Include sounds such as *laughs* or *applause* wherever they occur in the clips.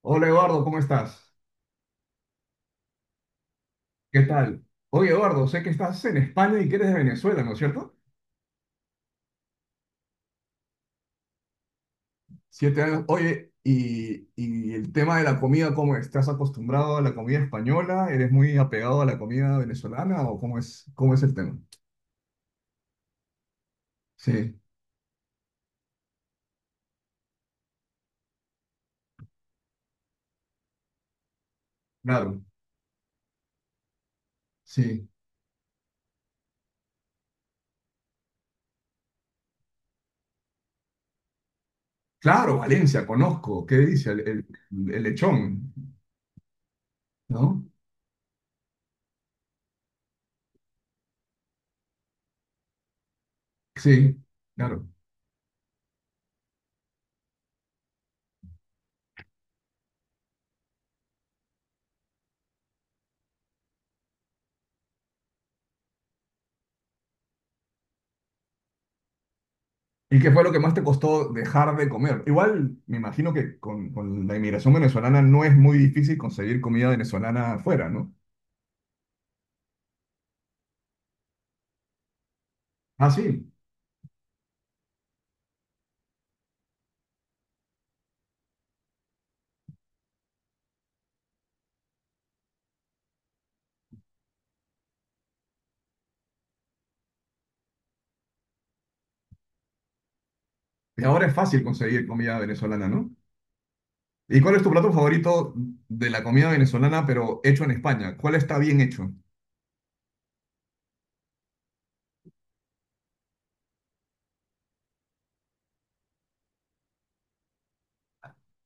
Hola Eduardo, ¿cómo estás? ¿Qué tal? Oye Eduardo, sé que estás en España y que eres de Venezuela, ¿no es cierto? 7 años. Oye, y el tema de la comida, ¿cómo es? ¿Estás acostumbrado a la comida española? ¿Eres muy apegado a la comida venezolana o cómo es el tema? Sí, claro, sí. Claro, Valencia, conozco. ¿Qué dice? El lechón, ¿no? Sí, claro. ¿Y qué fue lo que más te costó dejar de comer? Igual me imagino que con la inmigración venezolana no es muy difícil conseguir comida venezolana afuera, ¿no? Ah, sí. Y ahora es fácil conseguir comida venezolana, ¿no? ¿Y cuál es tu plato favorito de la comida venezolana, pero hecho en España? ¿Cuál está bien hecho?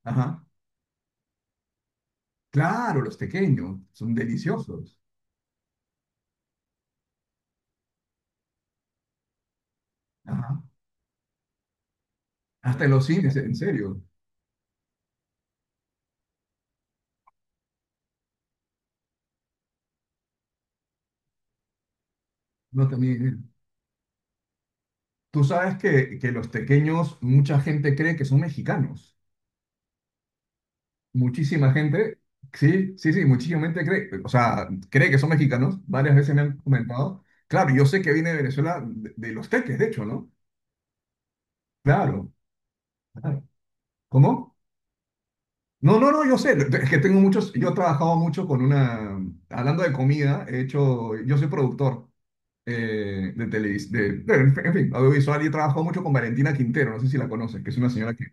Ajá. Claro, los tequeños son deliciosos. Ajá. Hasta en los cines, ¿en serio? No, también. Tú sabes que los tequeños, mucha gente cree que son mexicanos. Muchísima gente, sí, sí, sí, muchísima gente cree, o sea, cree que son mexicanos, varias veces me han comentado. Claro, yo sé que viene de Venezuela, de los teques, de hecho, ¿no? Claro, claro. ¿Cómo? No, no, no, yo sé, es que tengo muchos, yo he trabajado mucho con una, hablando de comida, he hecho, yo soy productor, de televisión, en fin, audiovisual, y he trabajado mucho con Valentina Quintero, no sé si la conoces, que es una señora que,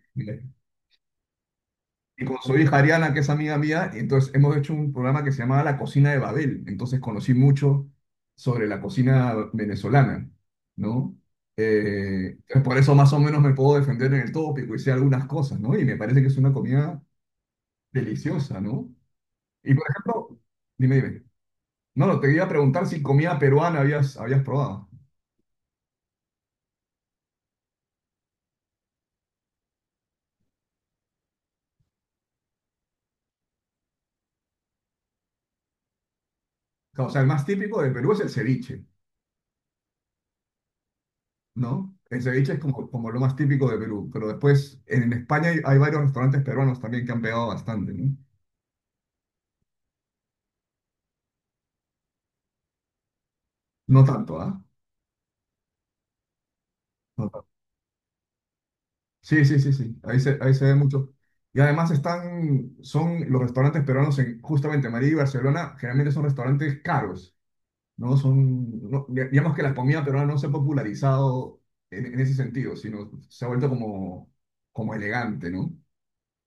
y con su hija Ariana, que es amiga mía, y entonces hemos hecho un programa que se llamaba La Cocina de Babel. Entonces conocí mucho sobre la cocina venezolana, ¿no? Eh, por eso más o menos me puedo defender en el tópico y sé algunas cosas, ¿no? Y me parece que es una comida deliciosa, ¿no? Y por ejemplo, dime, dime. No, no, te iba a preguntar si comida peruana habías probado. O sea, el más típico de Perú es el ceviche, ¿no? El ceviche es como lo más típico de Perú, pero después en España hay varios restaurantes peruanos también que han pegado bastante, ¿no? No tanto, ¿ah? No tanto. Sí, sí, sí, sí, ahí se ve mucho. Y además están, son los restaurantes peruanos en justamente Madrid y Barcelona, generalmente son restaurantes caros, ¿no? Digamos que la comida peruana no se ha popularizado en ese sentido, sino se ha vuelto como elegante, ¿no?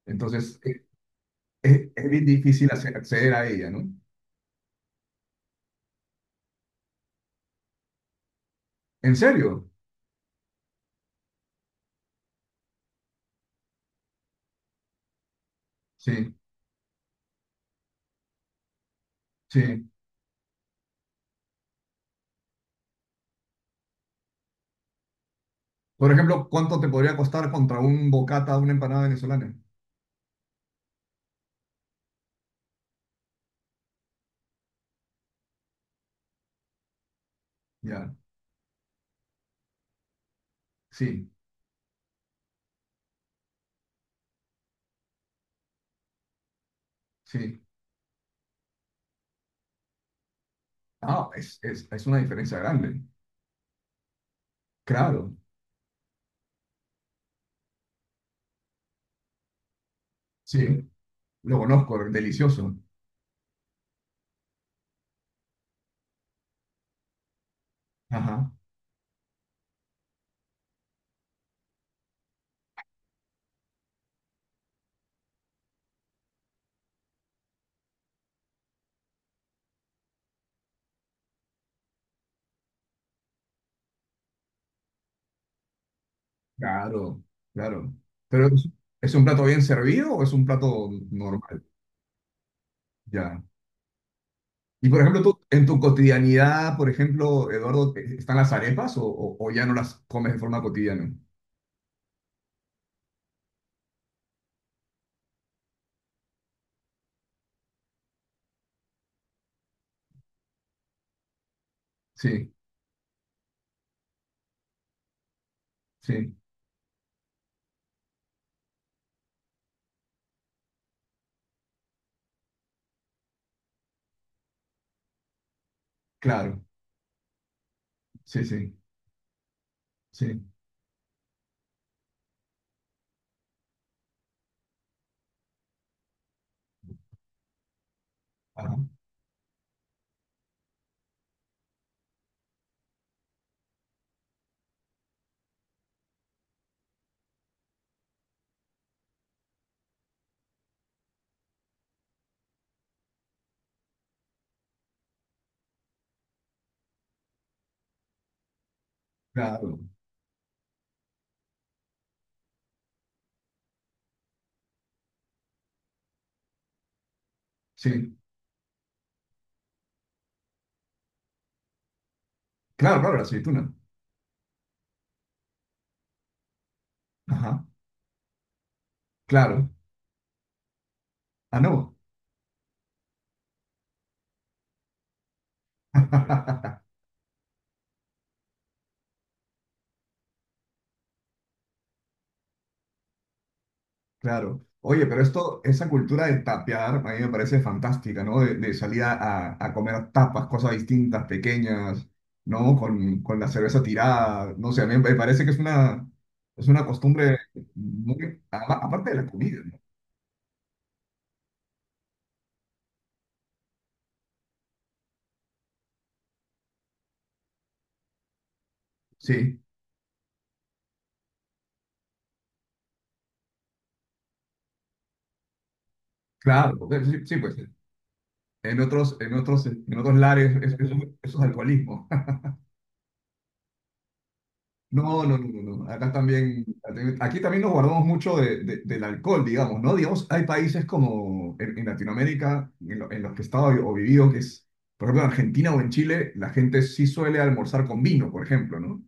Entonces, es bien difícil acceder a ella, ¿no? ¿En serio? Sí. Sí. Por ejemplo, ¿cuánto te podría costar contra un bocata, una empanada venezolana? Ya, sí, sí. Ah, es una diferencia grande. Claro, sí, lo conozco, delicioso. Ajá, claro, claro. Pero, ¿es un plato bien servido o es un plato normal? Ya. Y por ejemplo, tú, en tu cotidianidad, por ejemplo, Eduardo, ¿están las arepas, o ya no las comes de forma cotidiana? Sí, sí, claro, sí, sí, sí. Ajá, claro. Sí, claro, claro, la aceituna. Ajá, claro. Ah, no. *laughs* Claro. Oye, pero esto, esa cultura de tapear, a mí me parece fantástica, ¿no? De salir a, a comer tapas, cosas distintas, pequeñas, ¿no? Con la cerveza tirada, no sé, a mí me parece que es una costumbre muy, aparte de la comida, ¿no? Sí, claro, sí, sí, pues en otros, en otros, en otros lares, eso es alcoholismo. No, no, no, no, no. Acá también, aquí también nos guardamos mucho del alcohol, digamos, ¿no? Digamos, hay países como en Latinoamérica, en los que he estado o vivido, que es, por ejemplo, en Argentina o en Chile, la gente sí suele almorzar con vino, por ejemplo, ¿no?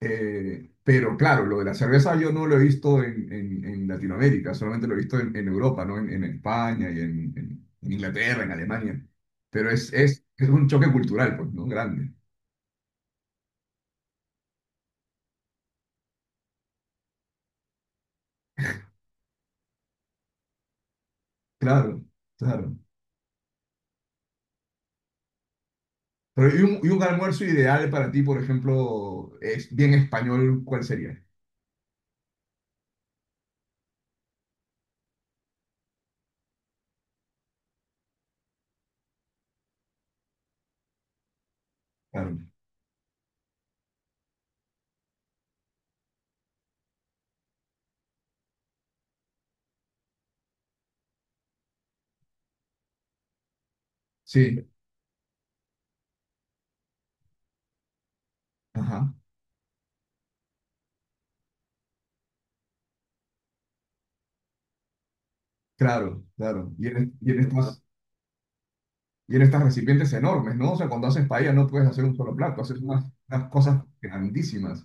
Pero claro, lo de la cerveza yo no lo he visto en Latinoamérica, solamente lo he visto en Europa, ¿no? En España y en Inglaterra, en Alemania. Pero es un choque cultural, pues, ¿no? Grande. Claro, claro. Pero, un almuerzo ideal para ti, por ejemplo, es bien español, ¿cuál sería? Claro. Sí, ajá, claro, claro. Y en estas recipientes enormes, ¿no? O sea, cuando haces paella no puedes hacer un solo plato, haces unas cosas grandísimas.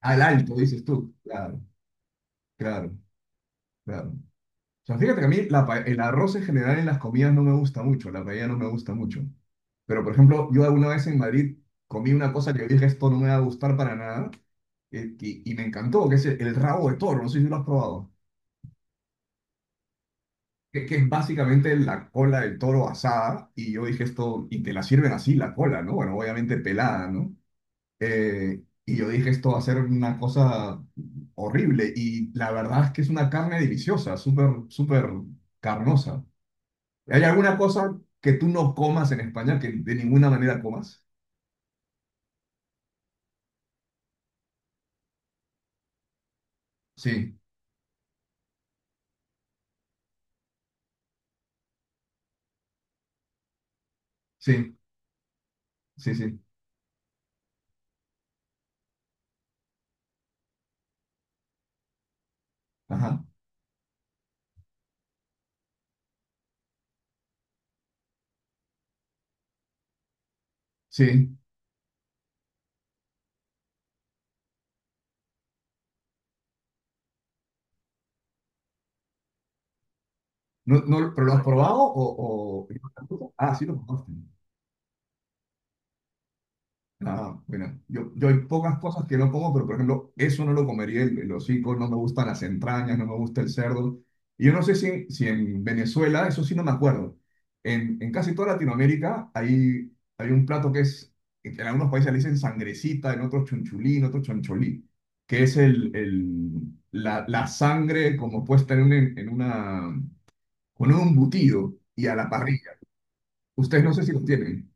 Al alto, dices tú. Claro, claro, claro. O sea, fíjate que a mí el arroz en general en las comidas no me gusta mucho, la paella no me gusta mucho. Pero, por ejemplo, yo alguna vez en Madrid comí una cosa que dije, esto no me va a gustar para nada, y me encantó, que es el rabo de toro, no sé si lo has probado, que es básicamente la cola del toro asada, y yo dije esto, y te la sirven así, la cola, ¿no? Bueno, obviamente pelada, ¿no? Eh, y yo dije, esto va a ser una cosa horrible, y la verdad es que es una carne deliciosa, súper, súper carnosa. ¿Hay alguna cosa que tú no comas en España que de ninguna manera comas? Sí, sí, sí, sí. Ajá, sí. No, no, ¿pero lo has probado? Ah, sí lo probaste. Ah, bueno, yo hay pocas cosas que no como, pero por ejemplo, eso no lo comería, el hocico, no me gustan las entrañas, no me gusta el cerdo. Y yo no sé si en Venezuela, eso sí no me acuerdo. En casi toda Latinoamérica hay un plato que es, en algunos países le dicen sangrecita, en otros chunchulí, en otros choncholí, que es el, la sangre como puesta en una, con un embutido y a la parrilla. Ustedes no sé si lo tienen.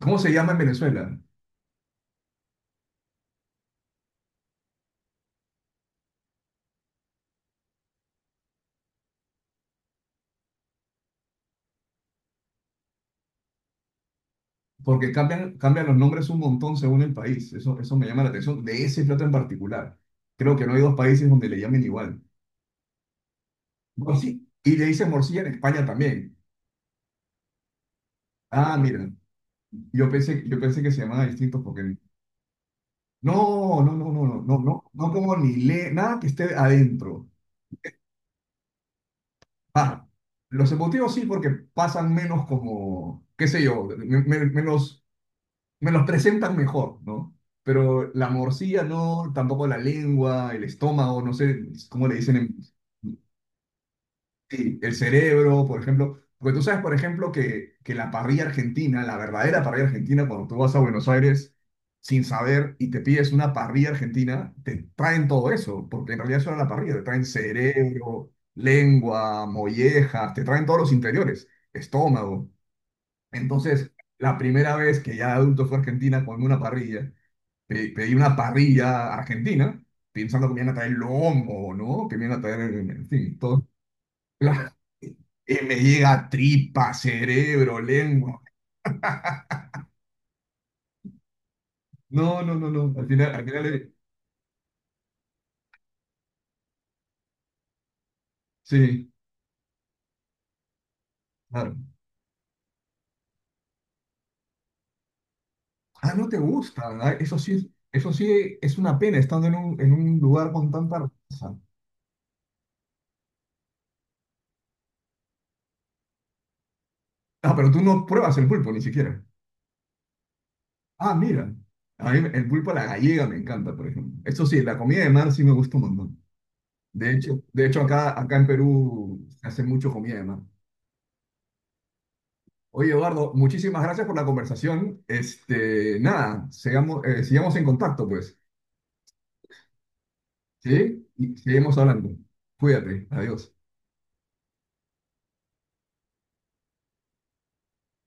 ¿Cómo se llama en Venezuela? Porque cambian los nombres un montón según el país. Eso me llama la atención de ese plato en particular. Creo que no hay dos países donde le llamen igual. Y le dicen morcilla en España también. Ah, mira. Yo pensé que se llamaban distintos porque... No, no, no, no, no, no, no. No como ni le... Nada que esté adentro. Ah, los emotivos sí porque pasan menos como... qué sé yo, menos me los presentan mejor, ¿no? Pero la morcilla no, tampoco la lengua, el estómago, no sé cómo le dicen. Sí, el cerebro, por ejemplo. Porque tú sabes, por ejemplo, que la parrilla argentina, la verdadera parrilla argentina, cuando tú vas a Buenos Aires sin saber y te pides una parrilla argentina, te traen todo eso, porque en realidad eso era la parrilla, te traen cerebro, lengua, mollejas, te traen todos los interiores, estómago. Entonces, la primera vez que ya de adulto fue a Argentina con una parrilla, pedí una parrilla argentina, pensando que me iban a traer lomo, ¿no? Que me iban a traer, en fin, todo. *laughs* Claro. Y me llega tripa, cerebro, lengua. No, no, no, no. Al final, sí, claro. Ah, no te gusta. Ah, eso sí, es una pena estando en un lugar con tanta raza. Ah, pero tú no pruebas el pulpo ni siquiera. Ah, mira. A mí el pulpo a la gallega me encanta, por ejemplo. Eso sí, la comida de mar sí me gusta un montón. De hecho, acá en Perú se hace mucho comida, además. Oye, Eduardo, muchísimas gracias por la conversación. Este, nada, sigamos en contacto, pues. ¿Sí? Y seguimos hablando. Cuídate. Adiós.